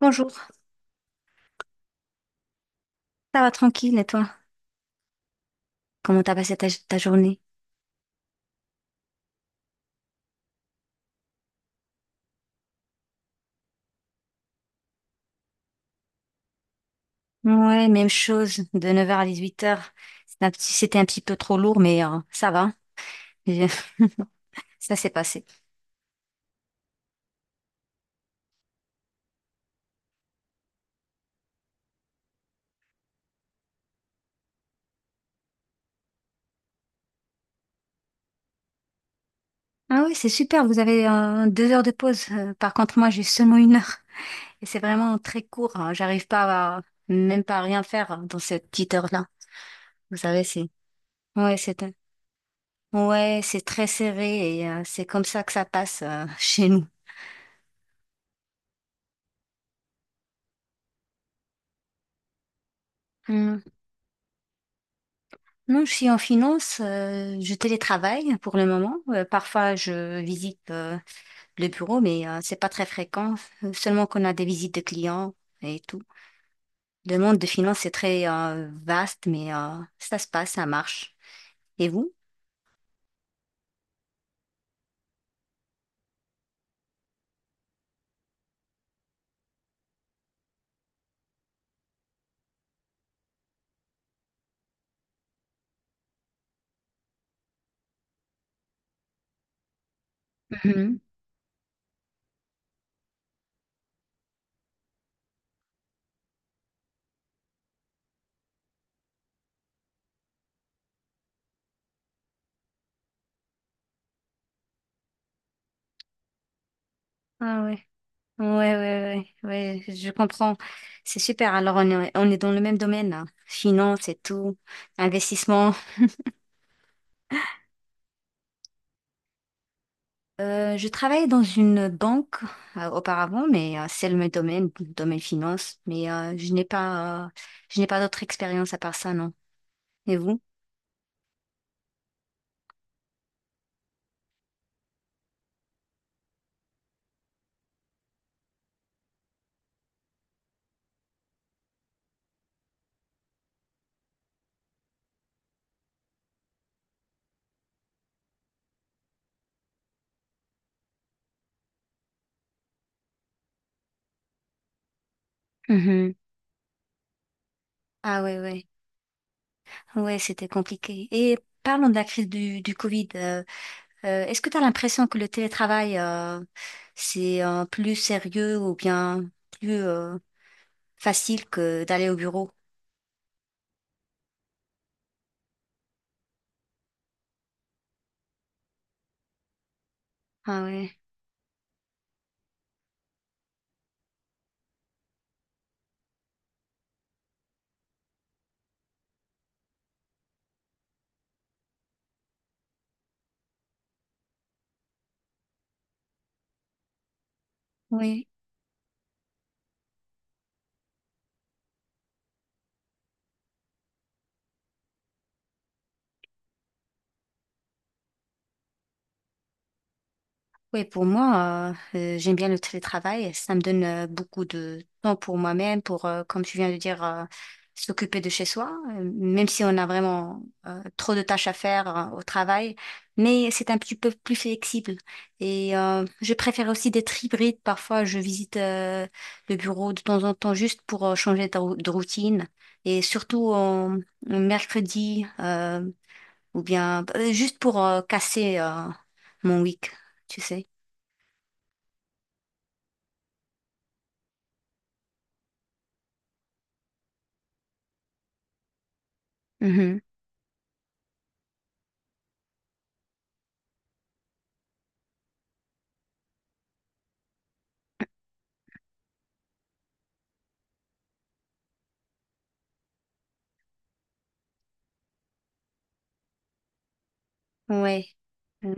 Bonjour, ça va tranquille et toi? Comment t'as passé ta journée? Ouais, même chose, de 9 heures à 18 heures. C'était un petit peu trop lourd, mais ça va. J'ai- Ça s'est passé. Ah oui, c'est super, vous avez deux heures de pause. Par contre, moi, j'ai seulement une heure. Et c'est vraiment très court, hein. J'arrive pas à, même pas à rien faire, hein, dans cette petite heure-là. Vous savez, c'est... Ouais, c'est... Ouais, c'est très serré et c'est comme ça que ça passe chez nous. Non, je suis en finance, je télétravaille pour le moment. Parfois, je visite le bureau, mais c'est pas très fréquent. Seulement qu'on a des visites de clients et tout. Le monde de finance est très vaste, mais ça se passe, ça marche. Et vous? Mhm. Ah ouais. Ouais, ouais, ouais, ouais, je comprends. C'est super. Alors, on est dans le même domaine, là. Finance et tout, investissement. Je travaillais dans une banque auparavant, mais c'est le même domaine, domaine finance. Mais je n'ai pas d'autre expérience à part ça, non. Et vous? Mhm. Ah ouais, ouais, ouais, c'était compliqué. Et parlons de la crise du Covid. Est-ce que tu as l'impression que le télétravail c'est plus sérieux ou bien plus facile que d'aller au bureau? Ah ouais, oui. Oui, pour moi, j'aime bien le télétravail. Ça me donne beaucoup de temps pour moi-même, pour, comme tu viens de dire, s'occuper de chez soi, même si on a vraiment trop de tâches à faire au travail. Mais c'est un petit peu plus flexible. Et je préfère aussi d'être hybride. Parfois, je visite le bureau de temps en temps juste pour changer de routine. Et surtout en mercredi, ou bien juste pour casser mon week, tu sais. Mhm. Ouais. Mm.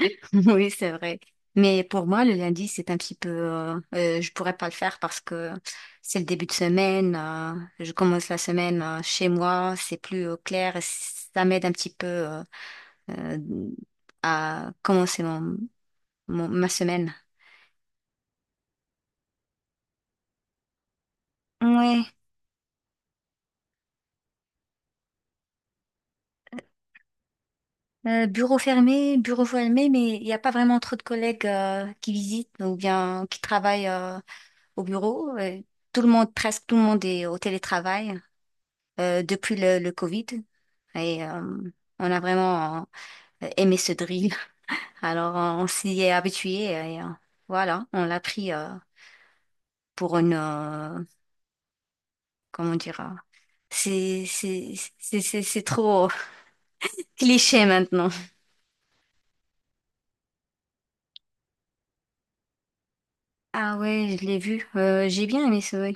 Oui, c'est vrai. Mais pour moi, le lundi, c'est un petit peu... je pourrais pas le faire parce que c'est le début de semaine. Je commence la semaine chez moi. C'est plus clair. Et ça m'aide un petit peu euh, à commencer ma semaine. Ouais. Bureau fermé, bureau fermé, mais il n'y a pas vraiment trop de collègues qui visitent ou bien qui travaillent au bureau. Tout le monde, presque tout le monde est au télétravail, depuis le Covid. Et on a vraiment aimé ce drill. Alors on s'y est habitué et voilà, on l'a pris pour une... comment dire? C'est c'est- c'est trop cliché maintenant. Ah ouais, je l'ai vu. J'ai bien aimé ce...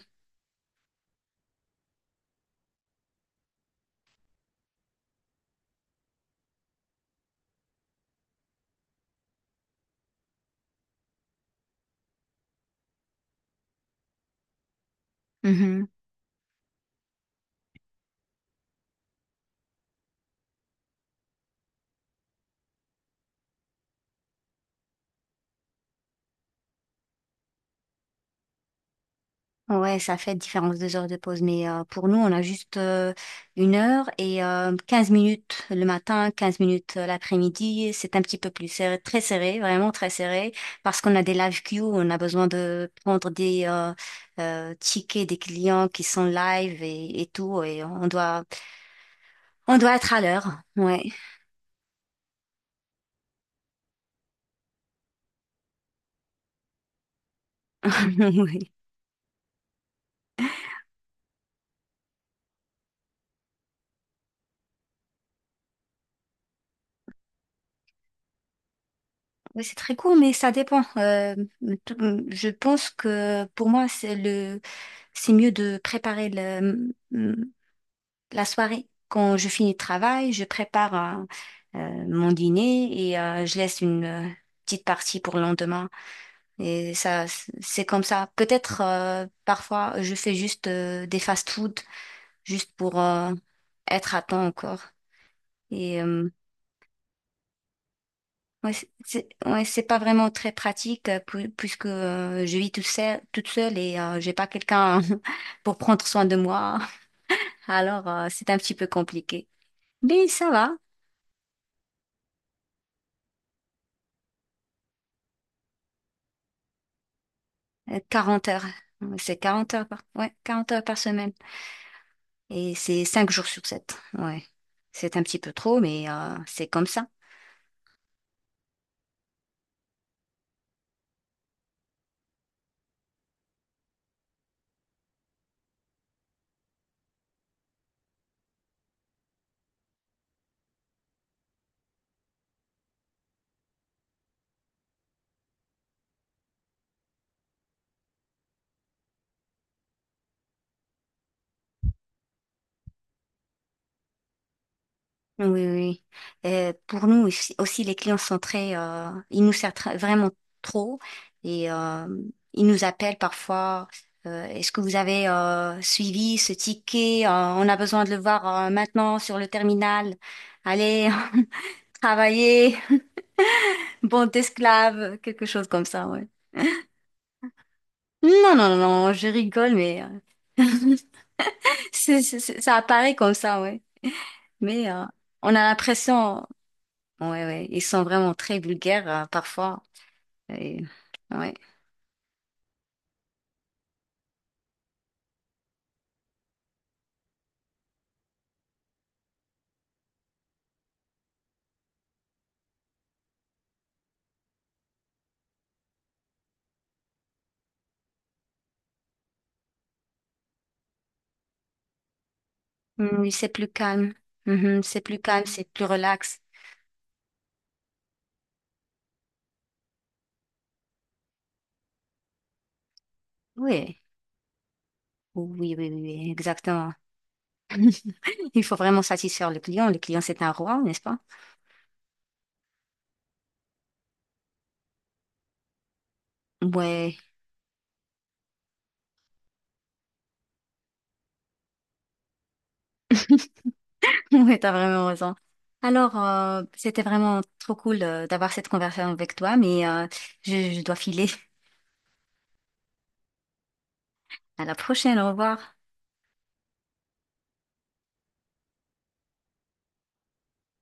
oui. Ouais, ça fait différence deux heures de pause, mais pour nous, on a juste une heure et 15 minutes le matin, 15 minutes l'après-midi. C'est un petit peu plus serré, très serré, vraiment très serré, parce qu'on a des live queues, on a besoin de prendre des tickets des clients qui sont live et tout, et on doit être à l'heure. Ouais. Oui. Oui, c'est très court, mais ça dépend. Tout- je pense que pour moi, c'est le, c'est mieux de préparer le, la soirée, quand je finis le travail, je prépare mon dîner et je laisse une petite partie pour le lendemain. Et ça, c'est comme ça. Peut-être parfois je fais juste des fast-food juste pour être à temps encore. Et ouais, ouais, c'est pas vraiment très pratique puisque je vis toute seule et j'ai pas quelqu'un pour prendre soin de moi. Alors c'est un petit peu compliqué. Mais ça va. 40 heures. Ouais, c'est 40 heures par, ouais, 40 heures par semaine. Et c'est 5 jours sur 7. Ouais. C'est un petit peu trop, mais c'est comme ça. Oui, oui, oui. Pour nous aussi, aussi, les clients sont très... ils nous servent très- vraiment trop. Et ils nous appellent parfois. Est-ce que vous avez suivi ce ticket? On a besoin de le voir maintenant sur le terminal. Allez, travaillez, bande d'esclaves, quelque chose comme ça, ouais. Non, non, non, je rigole, mais ça apparaît comme ça, ouais. Mais on a l'impression, ouais, ouais, ils sont vraiment très vulgaires parfois. Et, ouais. Mm, c'est plus calme. Mhm, c'est plus calme, c'est plus relax. Oui, oui, oui, oui, oui, exactement. Il faut vraiment satisfaire le client. Le client, c'est un roi, n'est-ce pas? Ouais, ouais, t'as vraiment raison. Alors, c'était vraiment trop cool d'avoir cette conversation avec toi, mais je dois filer. À la prochaine, au revoir.